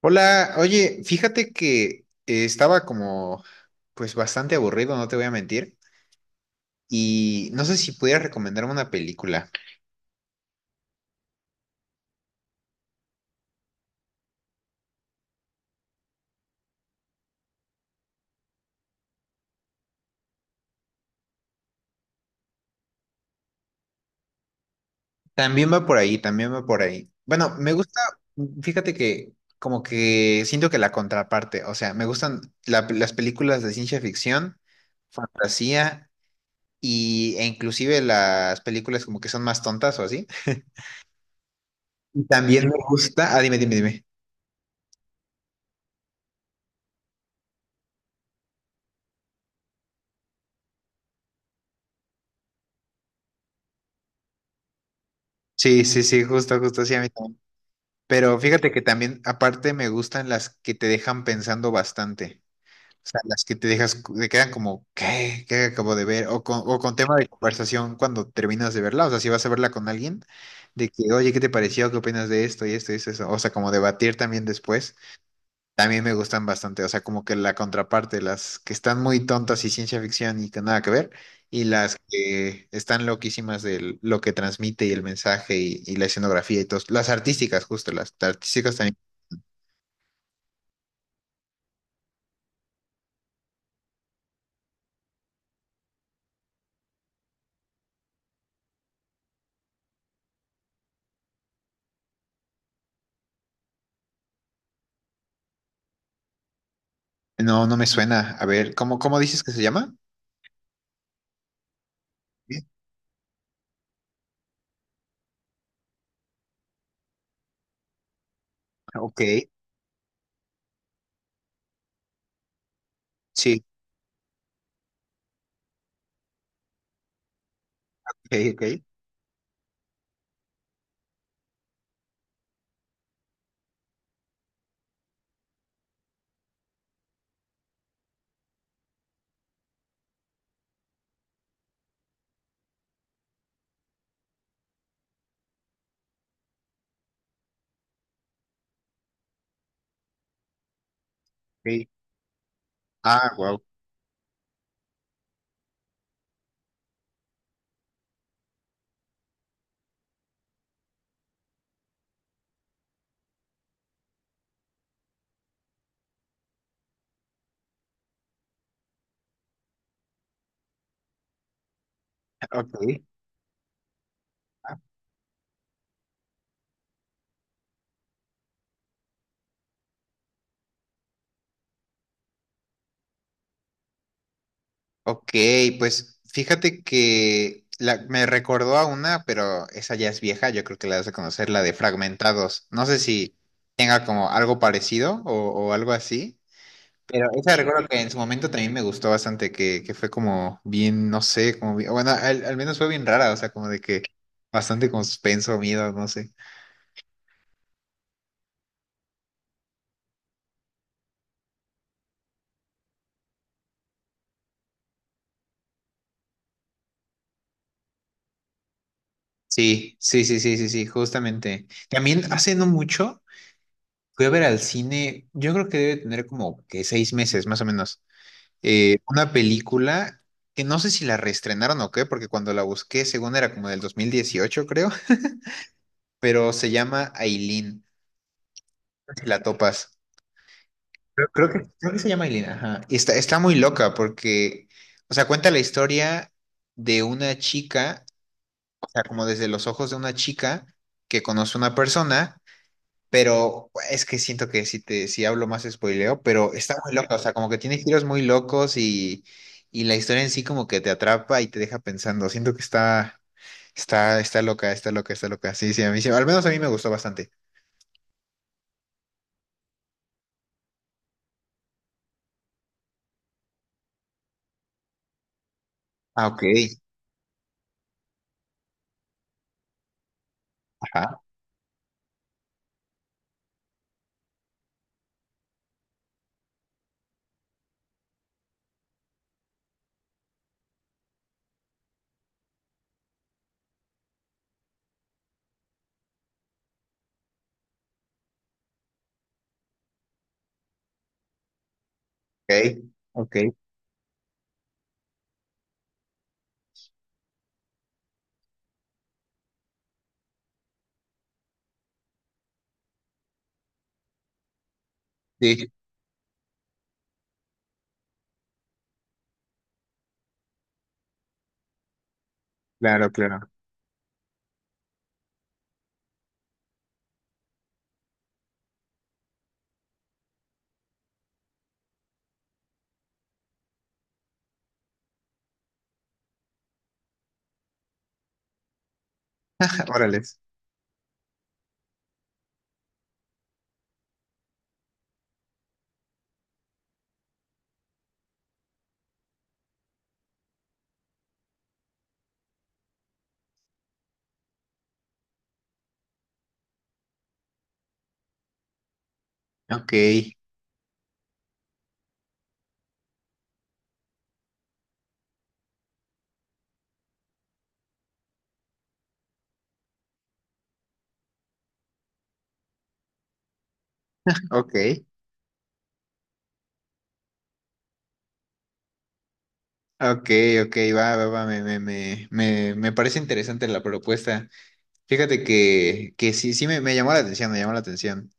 Hola, oye, fíjate que estaba como, pues bastante aburrido, no te voy a mentir, y no sé si pudieras recomendarme una película. También va por ahí, también va por ahí. Bueno, me gusta, fíjate que como que siento que la contraparte, o sea, me gustan las películas de ciencia ficción, fantasía y, e inclusive las películas como que son más tontas o así. Y también me gusta, ah, dime. Sí, sí, sí, justo, justo, sí, a mí también. Pero fíjate que también, aparte, me gustan las que te dejan pensando bastante. O sea, las que te dejas, te quedan como, ¿qué? ¿Qué acabo de ver? O con tema de conversación cuando terminas de verla. O sea, si vas a verla con alguien, de que, oye, ¿qué te pareció? ¿Qué opinas de esto y esto y eso? O sea, como debatir también después. También me gustan bastante, o sea, como que la contraparte, las que están muy tontas y ciencia ficción y que nada que ver, y las que están loquísimas de lo que transmite y el mensaje y la escenografía y todo. Las artísticas, justo, las artísticas también. No, no me suena. A ver, ¿cómo, cómo dices que se llama? Sí. Ok, sí, ok, ok. Ok. Ah, wow, ok. Ok, pues fíjate que me recordó a una, pero esa ya es vieja, yo creo que la vas a conocer, la de Fragmentados. No sé si tenga como algo parecido o algo así, pero esa recuerdo que en su momento también me gustó bastante, que fue como bien, no sé, bueno, al, al menos fue bien rara, o sea, como de que bastante con suspenso, miedo, no sé. Sí, sí, sí, sí, sí, sí, justamente. También hace no mucho fui a ver al cine, yo creo que debe tener como que 6 meses más o menos. Una película que no sé si la reestrenaron o qué, porque cuando la busqué, según era como del 2018 creo, pero se llama Aileen, si la topas. Creo que se llama Aileen, ajá. Y está, está muy loca porque, o sea, cuenta la historia de una chica, o sea, como desde los ojos de una chica que conoce a una persona. Pero es que siento que si hablo más spoileo, pero está muy loca, o sea, como que tiene giros muy locos y la historia en sí como que te atrapa y te deja pensando. Siento que está, está loca, está loca, está loca. Sí, sí, a mí sí, al menos a mí me gustó bastante. Ah, ok, ajá, ok, ok, sí, claro, claro. Órales. Ok, ok, ok, ok, va, va, va, me parece interesante la propuesta. Fíjate que sí, me llamó la atención, me llamó la atención.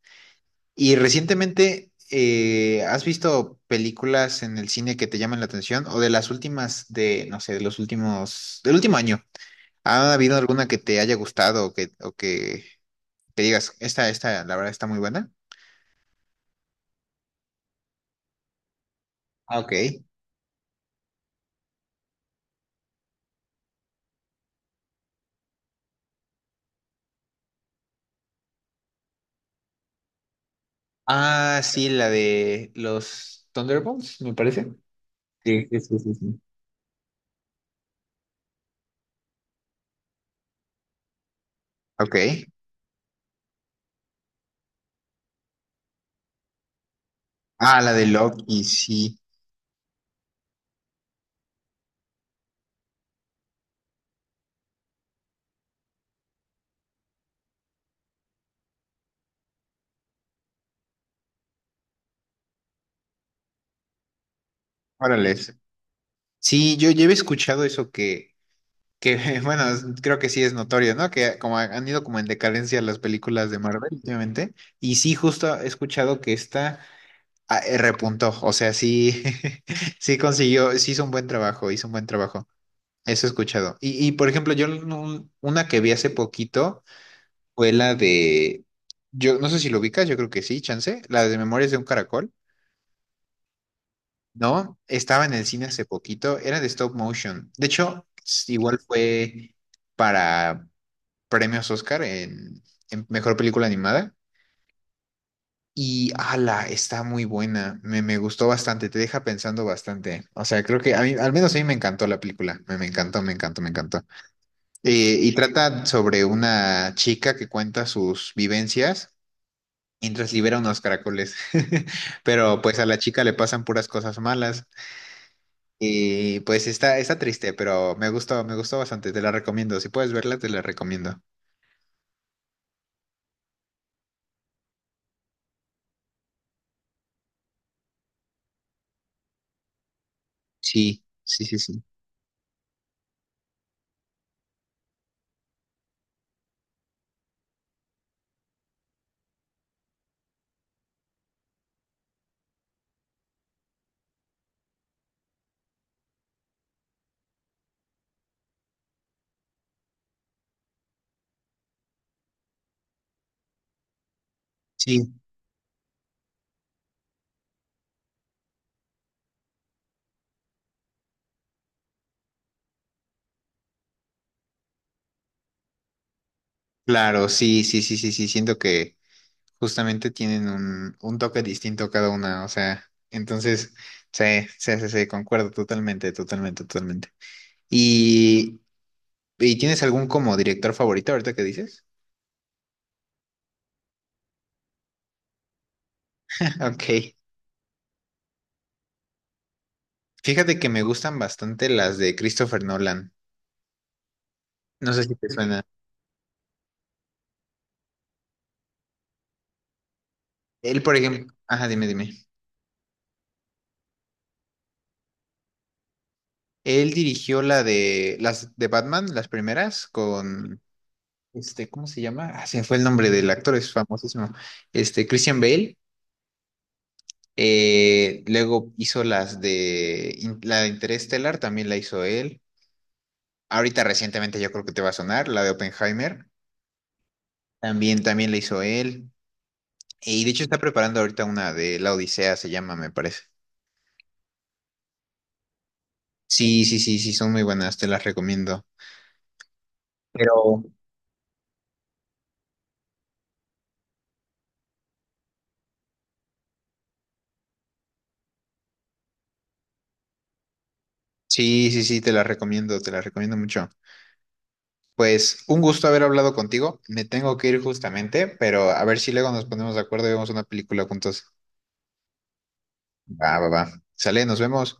Y recientemente, ¿has visto películas en el cine que te llaman la atención? O de las últimas de, no sé, de los últimos, del último año. ¿Ha habido alguna que te haya gustado o que te digas, esta, la verdad está muy buena? Ah, ok. Ah, sí, la de los Thunderbolts, me parece. Sí, sí, sí, sí, sí. Ok. Ah, la de Loki, sí. Órale. Sí, sí, yo había escuchado eso. Que bueno, creo que sí es notorio, ¿no? Que como han ido como en decadencia las películas de Marvel últimamente. Y sí, justo he escuchado que esta ah, repuntó. O sea, sí, sí consiguió, sí hizo un buen trabajo, hizo un buen trabajo. Eso he escuchado. Y por ejemplo, yo no- una que vi hace poquito fue la de, yo no sé si lo ubicas, yo creo que sí, chance, la de Memorias de un Caracol. No, estaba en el cine hace poquito, era de stop motion. De hecho, igual fue para premios Oscar en mejor película animada. Y ala, está muy buena. Me gustó bastante, te deja pensando bastante. O sea, creo que a mí, al menos a mí me encantó la película. Me encantó, me encantó, me encantó. Y trata sobre una chica que cuenta sus vivencias mientras libera unos caracoles. Pero pues a la chica le pasan puras cosas malas. Y pues está, está triste, pero me gustó bastante. Te la recomiendo. Si puedes verla, te la recomiendo. Sí, sí, sí, sí. Sí, claro, sí, sí, sí, sí, sí, siento que justamente tienen un toque distinto cada una, o sea, entonces, sí, sí, sí, sí, concuerdo totalmente, totalmente, totalmente. ¿Y, y tienes algún como director favorito ahorita que dices? Ok, fíjate que me gustan bastante las de Christopher Nolan, no sé si te suena. Él, por ejemplo, ajá, dime, dime. Él dirigió la de, las de Batman, las primeras, con, este, ¿cómo se llama? Ah, se me fue el nombre del actor, es famosísimo, este, Christian Bale. Luego hizo las de la de Interestelar, también la hizo él. Ahorita recientemente yo creo que te va a sonar, la de Oppenheimer, también, también la hizo él. Y de hecho está preparando ahorita una de La Odisea, se llama, me parece. Sí, sí, sí, sí, son muy buenas, te las recomiendo. Pero sí, sí, sí, te las recomiendo mucho. Pues un gusto haber hablado contigo. Me tengo que ir justamente, pero a ver si luego nos ponemos de acuerdo y vemos una película juntos. Va, va, va. Sale, nos vemos.